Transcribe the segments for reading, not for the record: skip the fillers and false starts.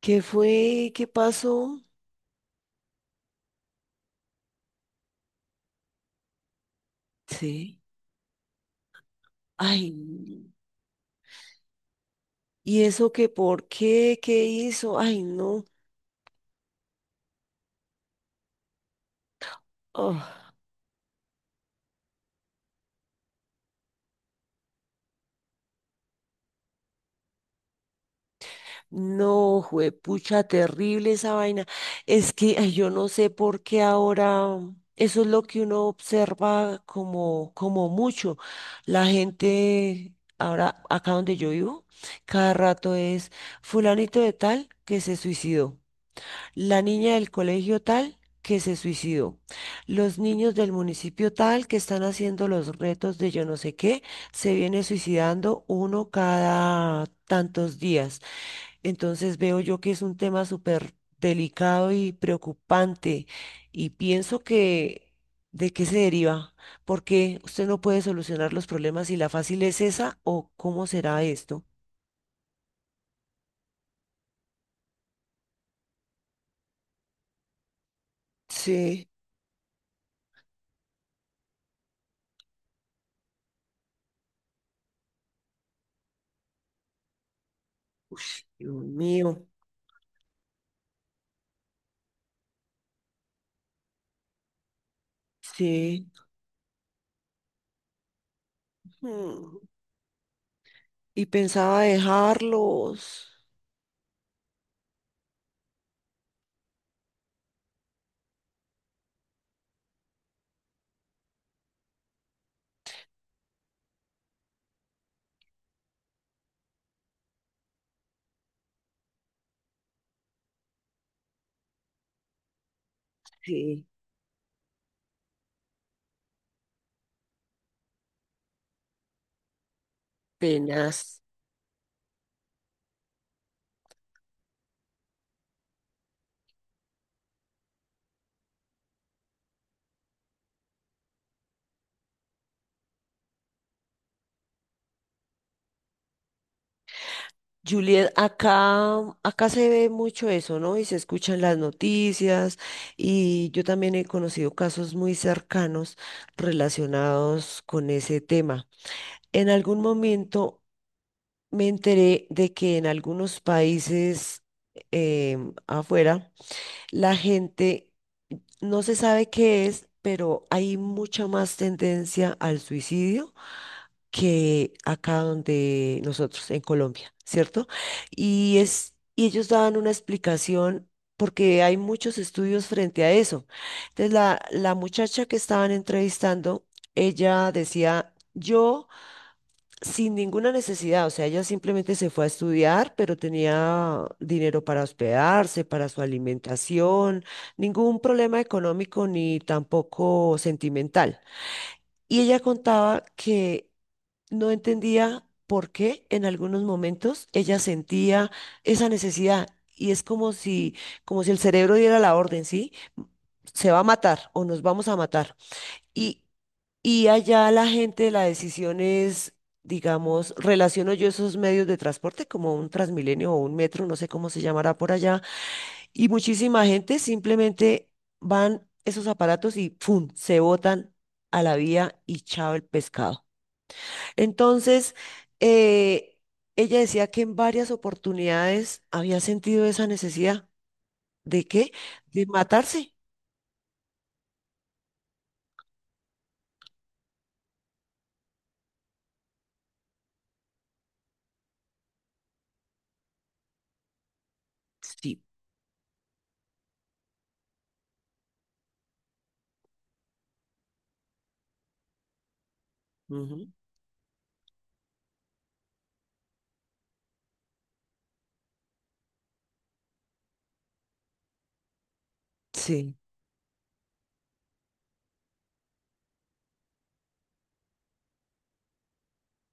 ¿Qué fue? ¿Qué pasó? Sí. Ay, no. ¿Y eso qué, por qué? ¿Qué hizo? Ay, no. Ah, no, juepucha, terrible esa vaina. Es que ay, yo no sé por qué ahora. Eso es lo que uno observa como mucho. La gente, ahora acá donde yo vivo, cada rato es fulanito de tal que se suicidó, la niña del colegio tal que se suicidó, los niños del municipio tal que están haciendo los retos de yo no sé qué, se viene suicidando uno cada tantos días. Entonces veo yo que es un tema súper delicado y preocupante y pienso que ¿de qué se deriva? Porque usted no puede solucionar los problemas y la fácil es esa, ¿o cómo será esto? Sí, Dios mío, sí. Mm. Y pensaba dejarlos. Sí. Penas. Juliet, acá se ve mucho eso, ¿no? Y se escuchan las noticias, y yo también he conocido casos muy cercanos relacionados con ese tema. En algún momento me enteré de que en algunos países, afuera, la gente, no se sabe qué es, pero hay mucha más tendencia al suicidio que acá donde nosotros, en Colombia, ¿cierto? Y es, y ellos daban una explicación porque hay muchos estudios frente a eso. Entonces, la muchacha que estaban entrevistando, ella decía, yo sin ninguna necesidad, o sea, ella simplemente se fue a estudiar, pero tenía dinero para hospedarse, para su alimentación, ningún problema económico ni tampoco sentimental. Y ella contaba que no entendía por qué en algunos momentos ella sentía esa necesidad, y es como si el cerebro diera la orden, ¿sí? Se va a matar o nos vamos a matar. Y, y allá la gente, la decisión es, digamos, relaciono yo esos medios de transporte como un Transmilenio o un metro, no sé cómo se llamará por allá, y muchísima gente simplemente van esos aparatos y ¡pum!, se botan a la vía y chao el pescado. Entonces, eh, ella decía que en varias oportunidades había sentido esa necesidad. ¿De qué? De matarse. Sí. Ujú. Sí.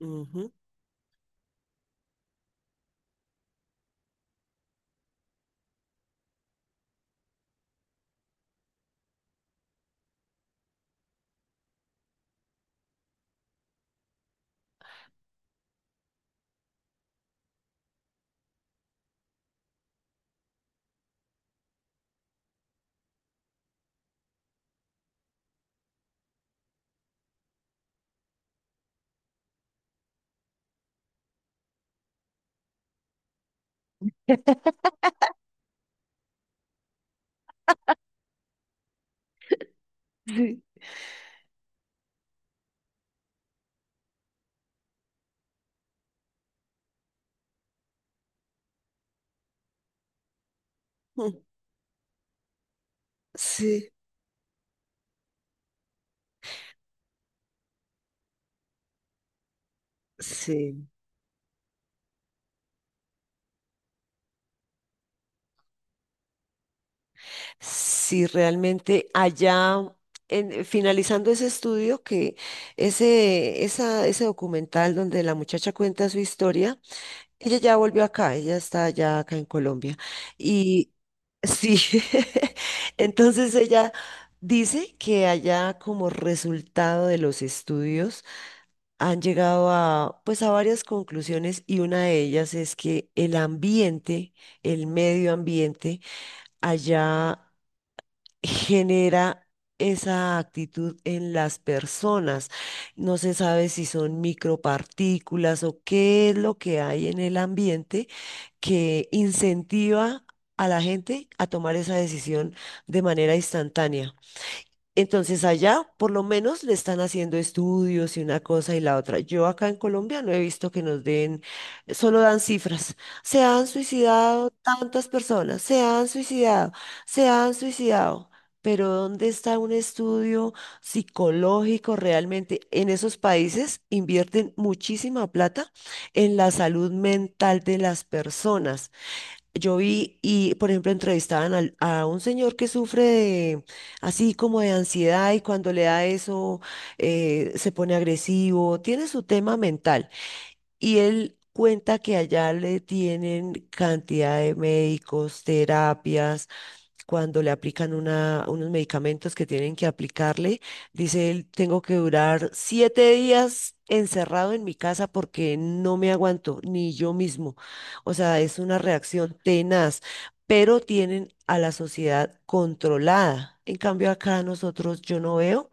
Ujú. Sí. Mm, sí, sí. Sí, realmente allá, finalizando ese estudio, que ese documental donde la muchacha cuenta su historia, ella ya volvió acá, ella está ya acá en Colombia. Y sí, entonces ella dice que allá, como resultado de los estudios, han llegado a pues a varias conclusiones, y una de ellas es que el ambiente, el medio ambiente allá, genera esa actitud en las personas. No se sabe si son micropartículas o qué es lo que hay en el ambiente que incentiva a la gente a tomar esa decisión de manera instantánea. Entonces allá por lo menos le están haciendo estudios y una cosa y la otra. Yo acá en Colombia no he visto que nos den, solo dan cifras. Se han suicidado tantas personas, se han suicidado, se han suicidado. Pero ¿dónde está un estudio psicológico realmente? En esos países invierten muchísima plata en la salud mental de las personas. Yo vi y, por ejemplo, entrevistaban a un señor que sufre de, así como de ansiedad, y cuando le da eso se pone agresivo, tiene su tema mental, y él cuenta que allá le tienen cantidad de médicos, terapias, cuando le aplican unos medicamentos que tienen que aplicarle, dice él, tengo que durar 7 días encerrado en mi casa porque no me aguanto ni yo mismo. O sea, es una reacción tenaz, pero tienen a la sociedad controlada. En cambio, acá nosotros yo no veo.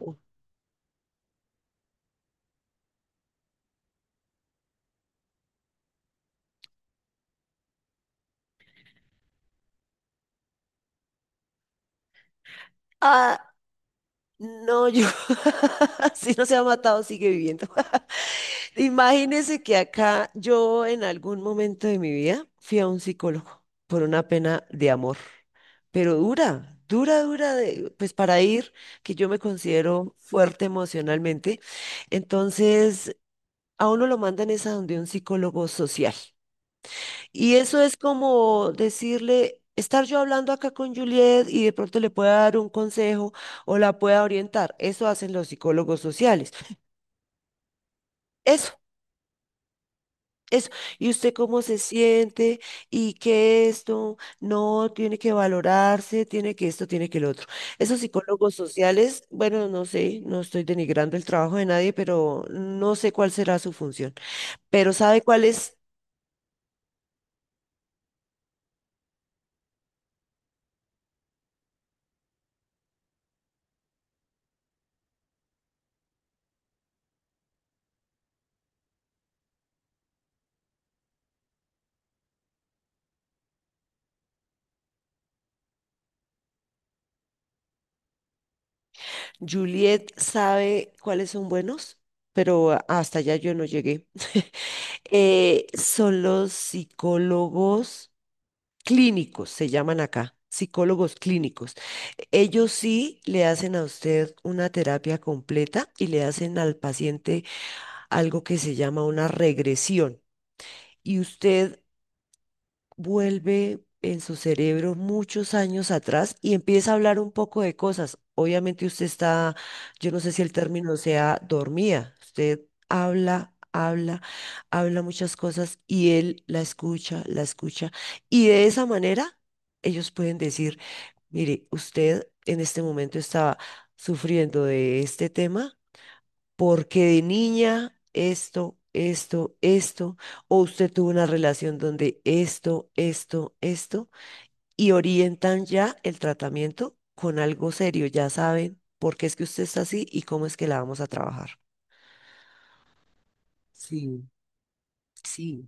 Ah, no, yo, si no se ha matado, sigue viviendo. Imagínese que acá yo en algún momento de mi vida fui a un psicólogo por una pena de amor, pero pues para ir, que yo me considero fuerte emocionalmente, entonces a uno lo mandan es a donde un psicólogo social. Y eso es como decirle... Estar yo hablando acá con Juliet y de pronto le pueda dar un consejo o la pueda orientar. Eso hacen los psicólogos sociales. Es Eso, y usted cómo se siente, y que esto no tiene que valorarse, tiene que esto, tiene que el otro. Esos psicólogos sociales, bueno, no sé, no estoy denigrando el trabajo de nadie, pero no sé cuál será su función. Pero sabe cuáles, Juliet sabe cuáles son buenos, pero hasta allá yo no llegué. Son los psicólogos clínicos, se llaman acá, psicólogos clínicos. Ellos sí le hacen a usted una terapia completa y le hacen al paciente algo que se llama una regresión. Y usted vuelve en su cerebro muchos años atrás y empieza a hablar un poco de cosas. Obviamente usted está, yo no sé si el término sea dormida, usted habla, habla, habla muchas cosas y él la escucha, la escucha. Y de esa manera ellos pueden decir, mire, usted en este momento estaba sufriendo de este tema porque de niña esto, esto, esto, o usted tuvo una relación donde esto, y orientan ya el tratamiento con algo serio, ya saben por qué es que usted está así y cómo es que la vamos a trabajar. Sí, sí.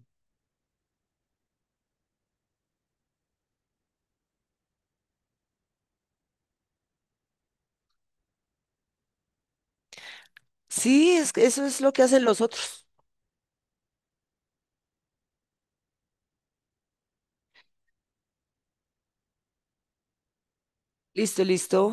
Sí, es que eso es lo que hacen los otros. Listo, listo.